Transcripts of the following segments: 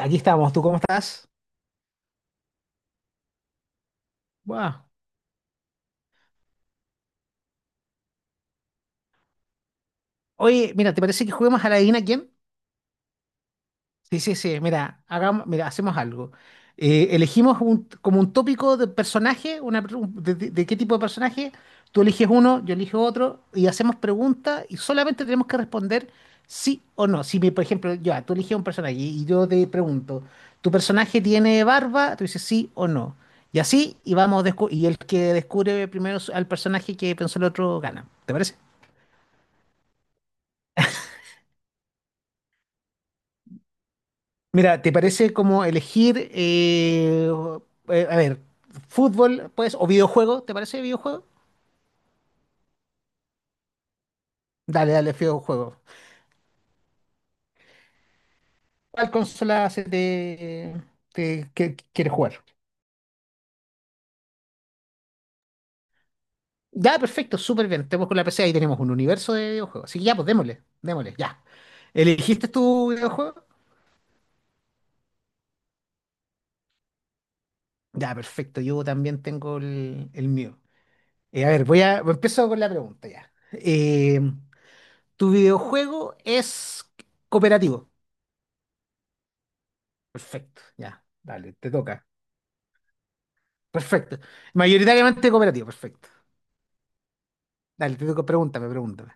Aquí estamos, ¿tú cómo estás? Buah. Oye, mira, ¿te parece que juguemos a la adivina quién? Sí, sí, sí, mira, hagamos, mira, hacemos algo. Elegimos como un tópico de personaje, una, pre- un- de qué tipo de personaje, tú eliges uno, yo elijo otro, y hacemos preguntas y solamente tenemos que responder sí o no. Si, me- Por ejemplo, tú eliges un personaje y yo te pregunto, ¿tu personaje tiene barba? Tú dices sí o no. Y así, y vamos, y el que descubre primero al personaje que pensó el otro gana. ¿Te parece? Mira, ¿te parece como elegir, a ver, fútbol, pues, o videojuego? ¿Te parece videojuego? Dale, dale, videojuego. ¿Cuál consola se te, te- que quieres jugar? Ya, perfecto, súper bien. Tenemos con la PC, ahí tenemos un universo de videojuegos. Así que ya, pues démosle, démosle, ya. ¿Elegiste tu videojuego? Ya, perfecto, yo también tengo el mío. A ver, empiezo con la pregunta ya. ¿Tu videojuego es cooperativo? Perfecto, ya, dale, te toca. Perfecto. Mayoritariamente cooperativo, perfecto. Dale, te toca, pregúntame, pregúntame.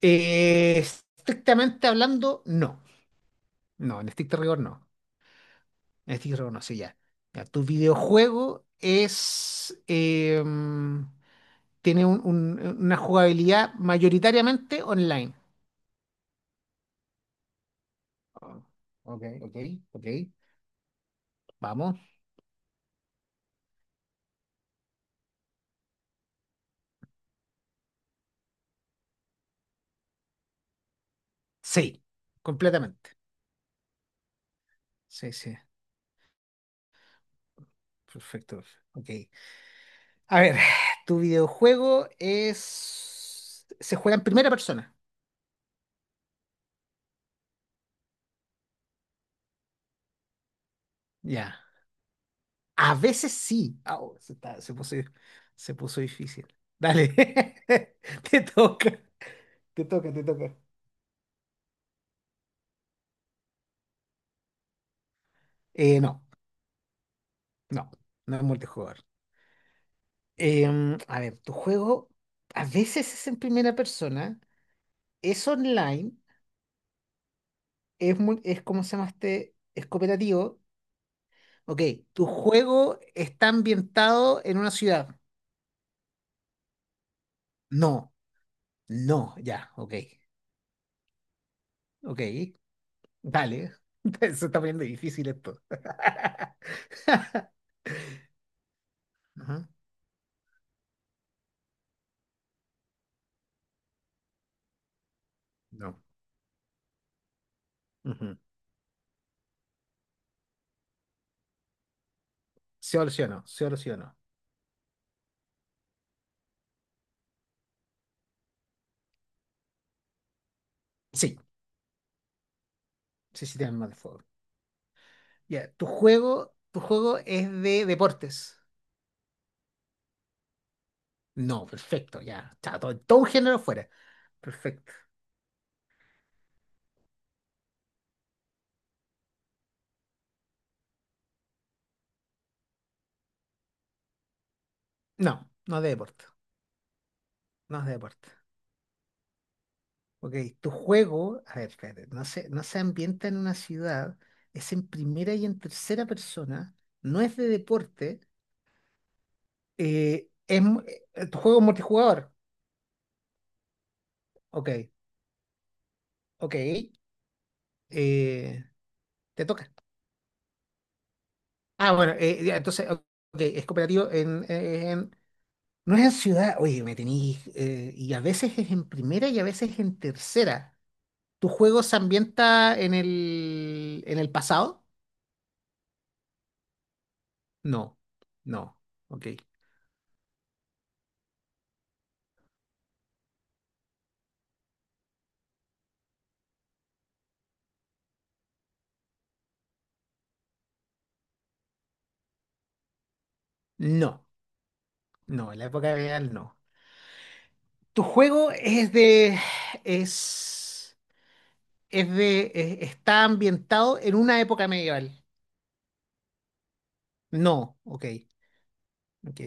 Estrictamente hablando, no. No, en estricto rigor no. En estricto rigor no, sí, ya. Ya, tu videojuego tiene una jugabilidad mayoritariamente online. Ah, ok, ok, ok. Vamos. Sí, completamente. Sí, sí. Perfecto. Ok. A ver, tu videojuego es... Se juega en primera persona. Ya. A veces sí. Au, se puso difícil. Dale. Te toca. Te toca, te toca. No, no, no es multijugador. A ver, tu juego a veces es en primera persona, es online, es como se llama este, es cooperativo. Ok, tu juego está ambientado en una ciudad. No, no, ya, ok. Ok, dale. Se está poniendo difícil esto. Ajá, no. Ujú. Se solucionó, se solucionó. Sí, sí, sí, tiene más de fuego. Ya, tu juego es de deportes. No, perfecto, ya. Chao, todo, todo un género fuera. Perfecto. No, no de deporte. No es de deporte. Ok, tu juego, a ver, espérate, no se ambienta en una ciudad, es en primera y en tercera persona, no es de deporte. Eh, es mu- juego multijugador. Ok, ok. eh, te toca. Bueno, ya, entonces, ok, es cooperativo. No es en ciudad, oye, me tenéis... y a veces es en primera y a veces en tercera. ¿Tu juego se ambienta en el pasado? No, no, ok. No, no, en la época real no. ¿Tu juego es es... está ambientado en una época medieval? No, ok, ok.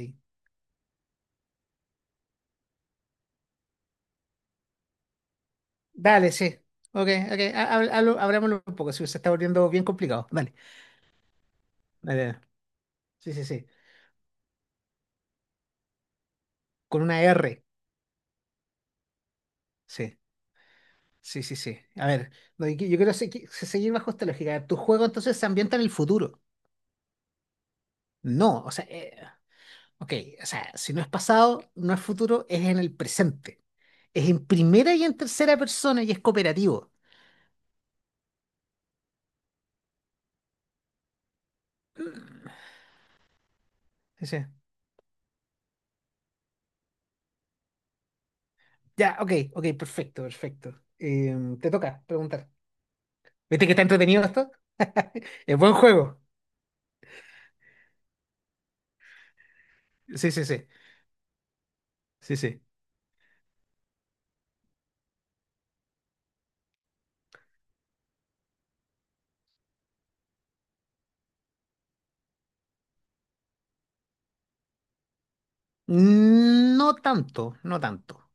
Dale, sí. Ok, ok. Hablámoslo un poco, sí, se está volviendo bien complicado. Dale, dale, dale. Sí, sí, sí. Con una R. Sí, sí, sí, sí. A ver, no, yo quiero seguir bajo esta lógica. A ver, ¿tu juego entonces se ambienta en el futuro? No, o sea, ok, o sea, si no es pasado, no es futuro, es en el presente. Es en primera y en tercera persona y es cooperativo. Sí, sí. Ya, ok, ok, perfecto, perfecto. Te toca preguntar. ¿Viste que está entretenido esto? Es buen juego. Sí, sí, sí. Sí, sí. No tanto, no tanto,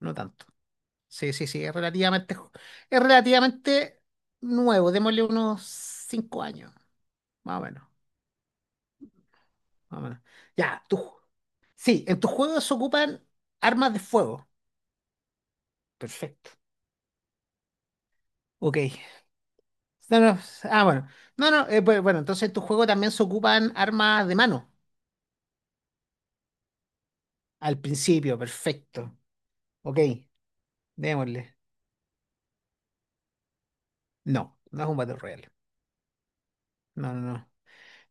no tanto. Sí, sí, sí, es relativamente nuevo. Démosle unos 5 años, más o menos, más o menos. Ya, tú. Sí, en tus juegos se ocupan armas de fuego. Perfecto. Ok. No, no, ah, bueno. No, no, bueno, entonces en tu juego también se ocupan armas de mano. Al principio, perfecto. Ok, démosle. No, no es un Battle Royale. No, no, no.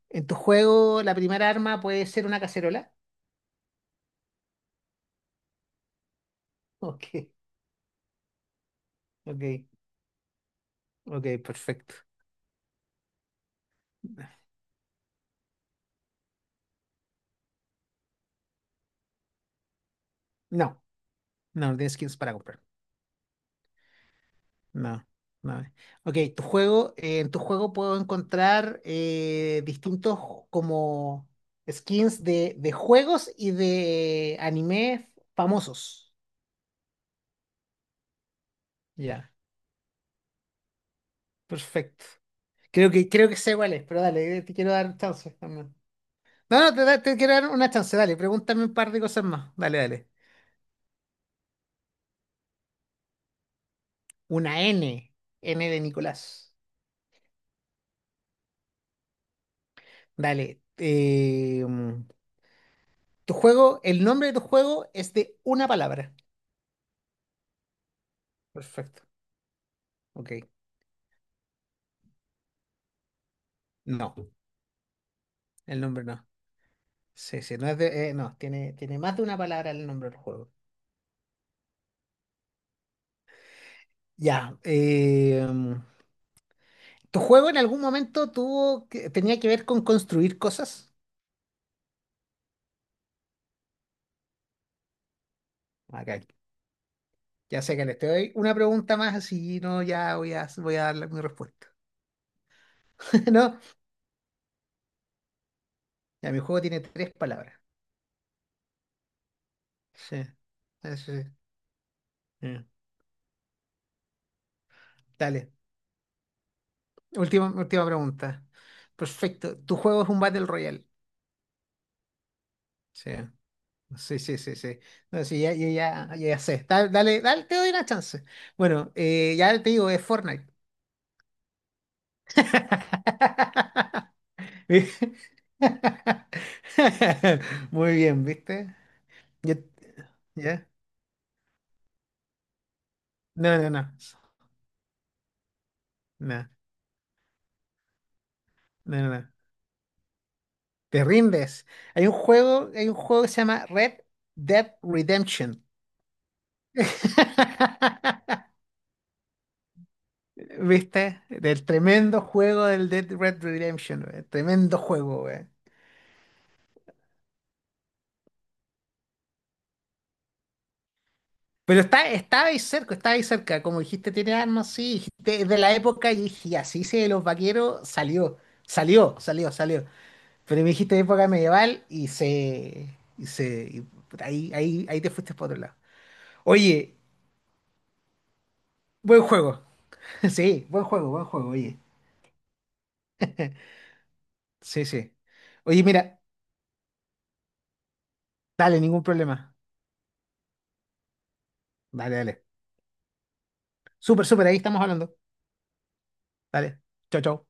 En tu juego, la primera arma puede ser una cacerola. Ok, ok, ok, perfecto. No, no, no tienes skins para comprar. No, no. Ok, tu juego, en tu juego puedo encontrar distintos como skins de juegos y de anime famosos. Ya, perfecto. Creo que sé cuál es, pero dale, te quiero dar chance también. No, no, te quiero dar una chance, dale, pregúntame un par de cosas más. Dale, dale. Una N, N de Nicolás. Dale. Tu juego, el nombre de tu juego es de 1 palabra. Perfecto. Ok. No, el nombre no. Sí, sí, no es no, tiene, tiene más de 1 palabra el nombre del juego. Ya. ¿Tu juego en algún momento tenía que ver con construir cosas? Acá. Ya sé que les te doy una pregunta más, así no, ya voy a dar mi respuesta. ¿no? Ya, mi juego tiene 3 palabras. Sí, eso sí. Mm. Dale. Última, última pregunta. Perfecto. Tu juego es un Battle Royale. Sí, sí, sí, sí, sí. No, sí, ya, ya, ya, ya sé. Dale, dale, te doy una chance. Bueno, ya te digo, es Fortnite. Vi- Muy bien, ¿viste? Yo- ¿Ya? No, no, no. No, no, no. No. Te rindes. Hay un juego que se llama Red Dead Redemption. ¿Viste? Del tremendo juego del Dead Red Redemption, wey. Tremendo juego, wey. Pero está, estaba ahí cerca, estaba ahí cerca. Como dijiste, tiene armas, sí. Dijiste, "Es de la época", y dije, ya, sí, sí, de los vaqueros, salió, salió, salió, salió. Pero me dijiste época medieval y se. Y se. Y puta, ahí, ahí, ahí te fuiste por otro lado. Oye, buen juego. Sí, buen juego, oye. Sí, sí. Oye, mira, dale, ningún problema. Dale, dale. Súper, súper, ahí estamos hablando. Dale. Chao, chao.